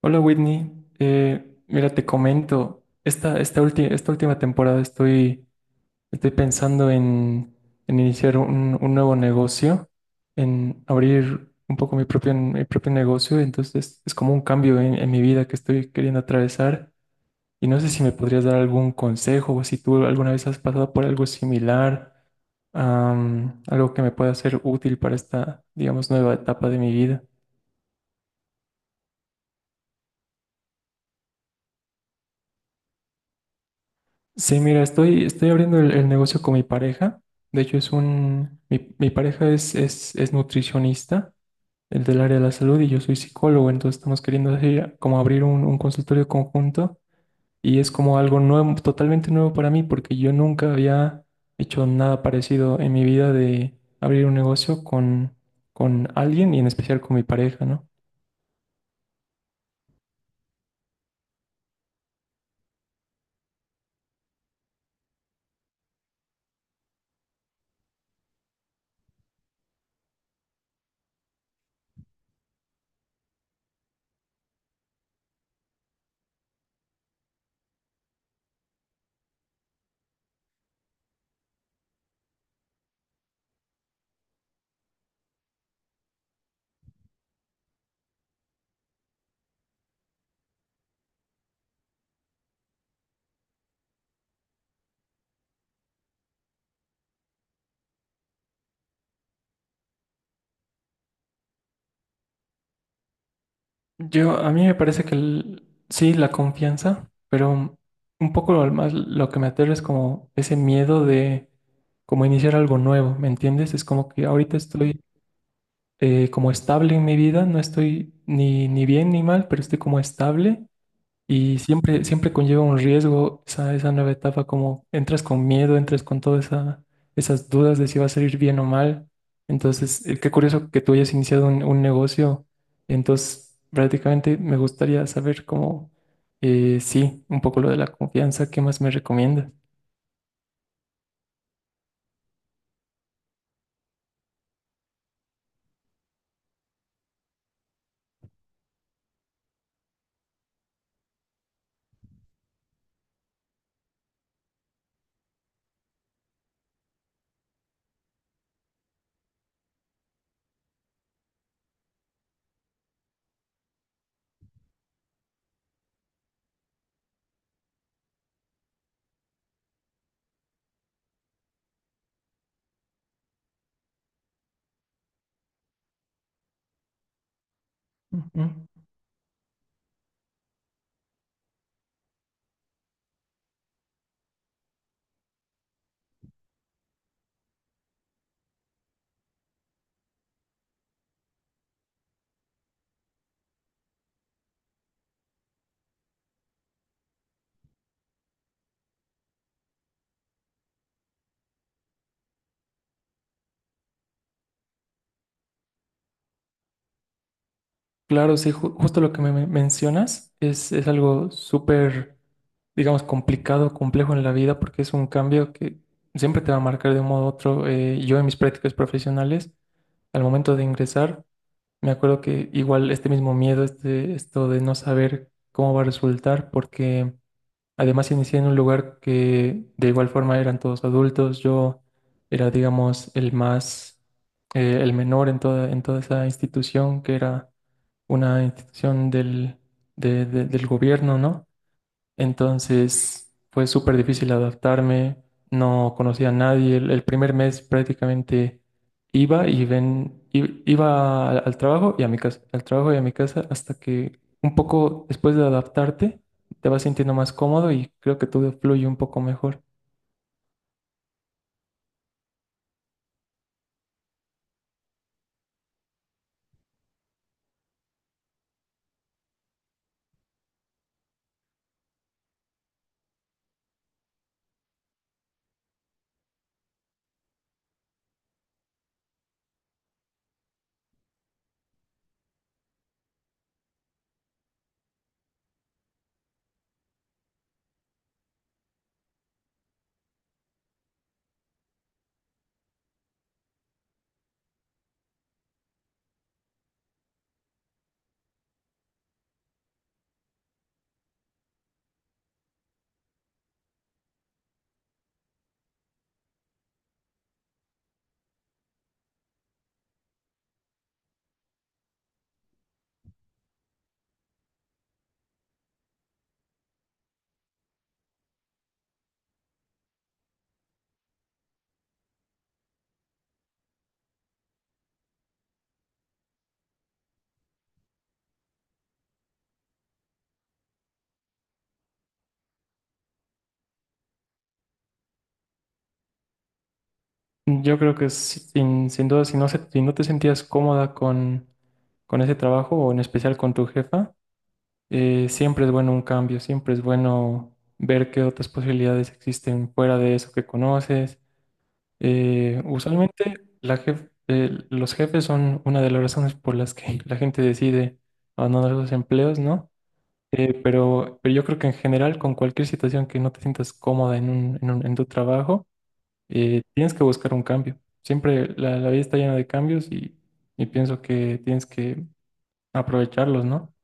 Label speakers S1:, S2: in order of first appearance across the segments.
S1: Hola Whitney. Mira, te comento, esta última temporada estoy pensando en iniciar un nuevo negocio, en abrir un poco mi propio negocio, entonces es como un cambio en mi vida que estoy queriendo atravesar, y no sé si me podrías dar algún consejo o si tú alguna vez has pasado por algo similar, algo que me pueda ser útil para esta, digamos, nueva etapa de mi vida. Sí, mira, estoy abriendo el negocio con mi pareja. De hecho, mi pareja es nutricionista, el del área de la salud, y yo soy psicólogo, entonces estamos queriendo hacer como abrir un consultorio conjunto, y es como algo nuevo, totalmente nuevo para mí, porque yo nunca había hecho nada parecido en mi vida de abrir un negocio con alguien, y en especial con mi pareja, ¿no? Yo, a mí me parece que sí, la confianza, pero un poco lo más lo que me aterra es como ese miedo de como iniciar algo nuevo, ¿me entiendes? Es como que ahorita estoy como estable en mi vida, no estoy ni bien ni mal, pero estoy como estable, y siempre conlleva un riesgo esa nueva etapa, como entras con miedo, entras con esas dudas de si va a salir bien o mal. Entonces, qué curioso que tú hayas iniciado un negocio. Entonces, prácticamente me gustaría saber cómo, sí, un poco lo de la confianza, ¿qué más me recomiendas? Ujú. Claro, sí, justo lo que mencionas es algo súper, digamos, complicado, complejo en la vida, porque es un cambio que siempre te va a marcar de un modo u otro. Yo en mis prácticas profesionales, al momento de ingresar, me acuerdo que igual este mismo miedo, este, esto de no saber cómo va a resultar, porque además inicié en un lugar que de igual forma eran todos adultos, yo era, digamos, el menor en toda esa institución, que era una institución del gobierno, ¿no? Entonces fue súper difícil adaptarme, no conocía a nadie. El primer mes prácticamente iba al trabajo y a mi casa, al trabajo y a mi casa, hasta que un poco después de adaptarte te vas sintiendo más cómodo, y creo que todo fluye un poco mejor. Yo creo que sin duda, si no te sentías cómoda con ese trabajo, o en especial con tu jefa, siempre es bueno un cambio, siempre es bueno ver qué otras posibilidades existen fuera de eso que conoces. Usualmente los jefes son una de las razones por las que la gente decide abandonar los empleos, ¿no? Pero yo creo que en general, con cualquier situación que no te sientas cómoda en tu trabajo, tienes que buscar un cambio. Siempre la vida está llena de cambios, y pienso que tienes que aprovecharlos, ¿no?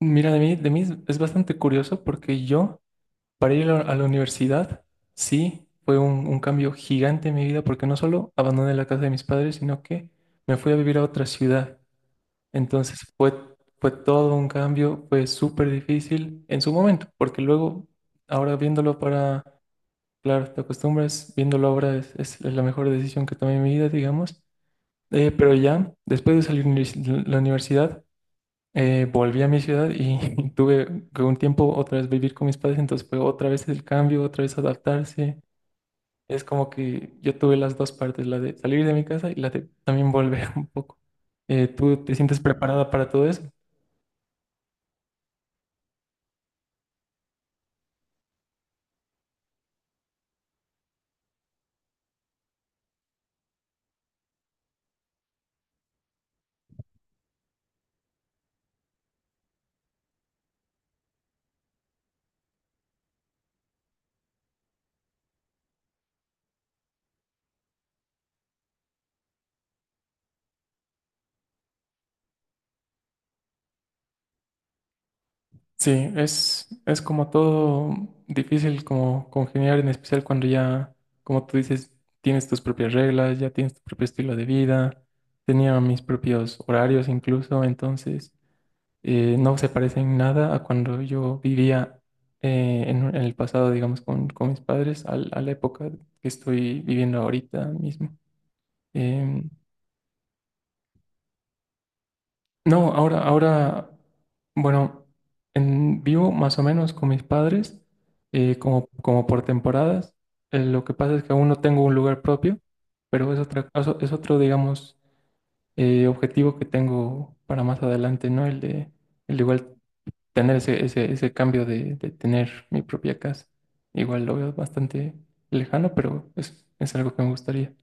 S1: Mira, de mí es bastante curioso porque yo, para ir a la universidad, sí, fue un cambio gigante en mi vida porque no solo abandoné la casa de mis padres, sino que me fui a vivir a otra ciudad. Entonces fue, fue todo un cambio, fue súper difícil en su momento, porque luego, ahora viéndolo para, claro, te acostumbras, viéndolo ahora es la mejor decisión que tomé en mi vida, digamos. Pero ya, después de salir de la universidad, volví a mi ciudad y tuve que un tiempo otra vez vivir con mis padres, entonces fue otra vez el cambio, otra vez adaptarse. Es como que yo tuve las dos partes, la de salir de mi casa y la de también volver un poco. ¿Tú te sientes preparada para todo eso? Sí, es como todo difícil, como congeniar, en especial cuando ya, como tú dices, tienes tus propias reglas, ya tienes tu propio estilo de vida, tenía mis propios horarios incluso, entonces... no se parecen nada a cuando yo vivía en el pasado, digamos, con mis padres, a la época que estoy viviendo ahorita mismo. Em, no, ahora, bueno, vivo más o menos con mis padres, como por temporadas. Lo que pasa es que aún no tengo un lugar propio, pero es es otro, digamos, objetivo que tengo para más adelante, ¿no? El de igual tener ese cambio de tener mi propia casa. Igual lo veo bastante lejano, pero es algo que me gustaría.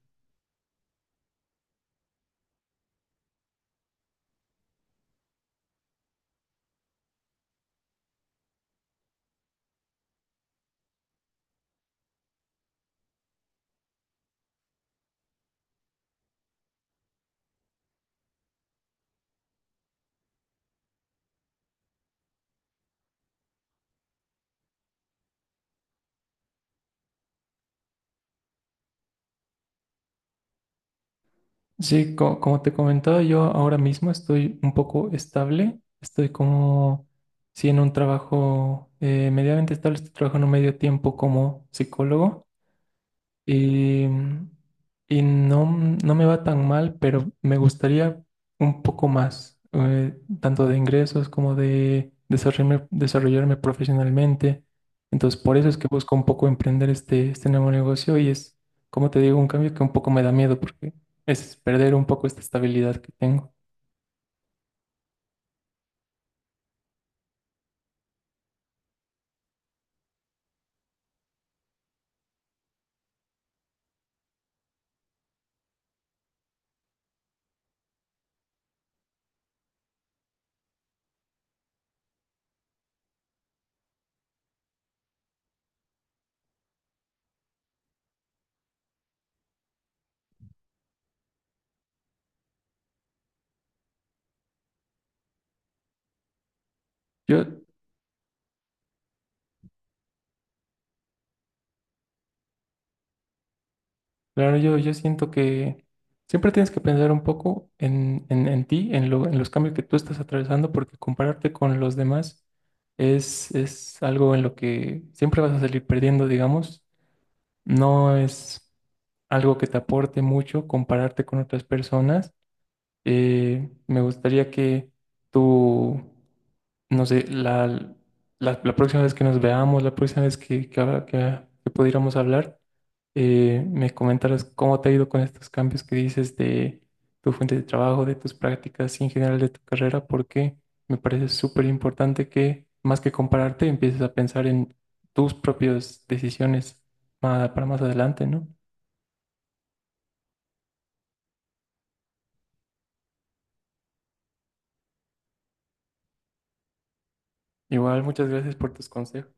S1: Sí, como te comentaba, yo ahora mismo estoy un poco estable. Estoy como, sí, en un trabajo medianamente estable. Estoy trabajando medio tiempo como psicólogo. Y, y no, no me va tan mal, pero me gustaría un poco más, tanto de ingresos como de desarrollarme profesionalmente. Entonces, por eso es que busco un poco emprender este nuevo negocio, y es, como te digo, un cambio que un poco me da miedo porque es perder un poco esta estabilidad que tengo. Yo Claro, yo siento que siempre tienes que pensar un poco en ti, en en los cambios que tú estás atravesando, porque compararte con los demás es algo en lo que siempre vas a salir perdiendo, digamos. No es algo que te aporte mucho compararte con otras personas. Me gustaría que tú, no sé, la próxima vez que nos veamos, la próxima vez que pudiéramos hablar, me comentaras cómo te ha ido con estos cambios que dices de tu fuente de trabajo, de tus prácticas y en general de tu carrera, porque me parece súper importante que, más que compararte, empieces a pensar en tus propias decisiones para más adelante, ¿no? Igual, muchas gracias por tus consejos.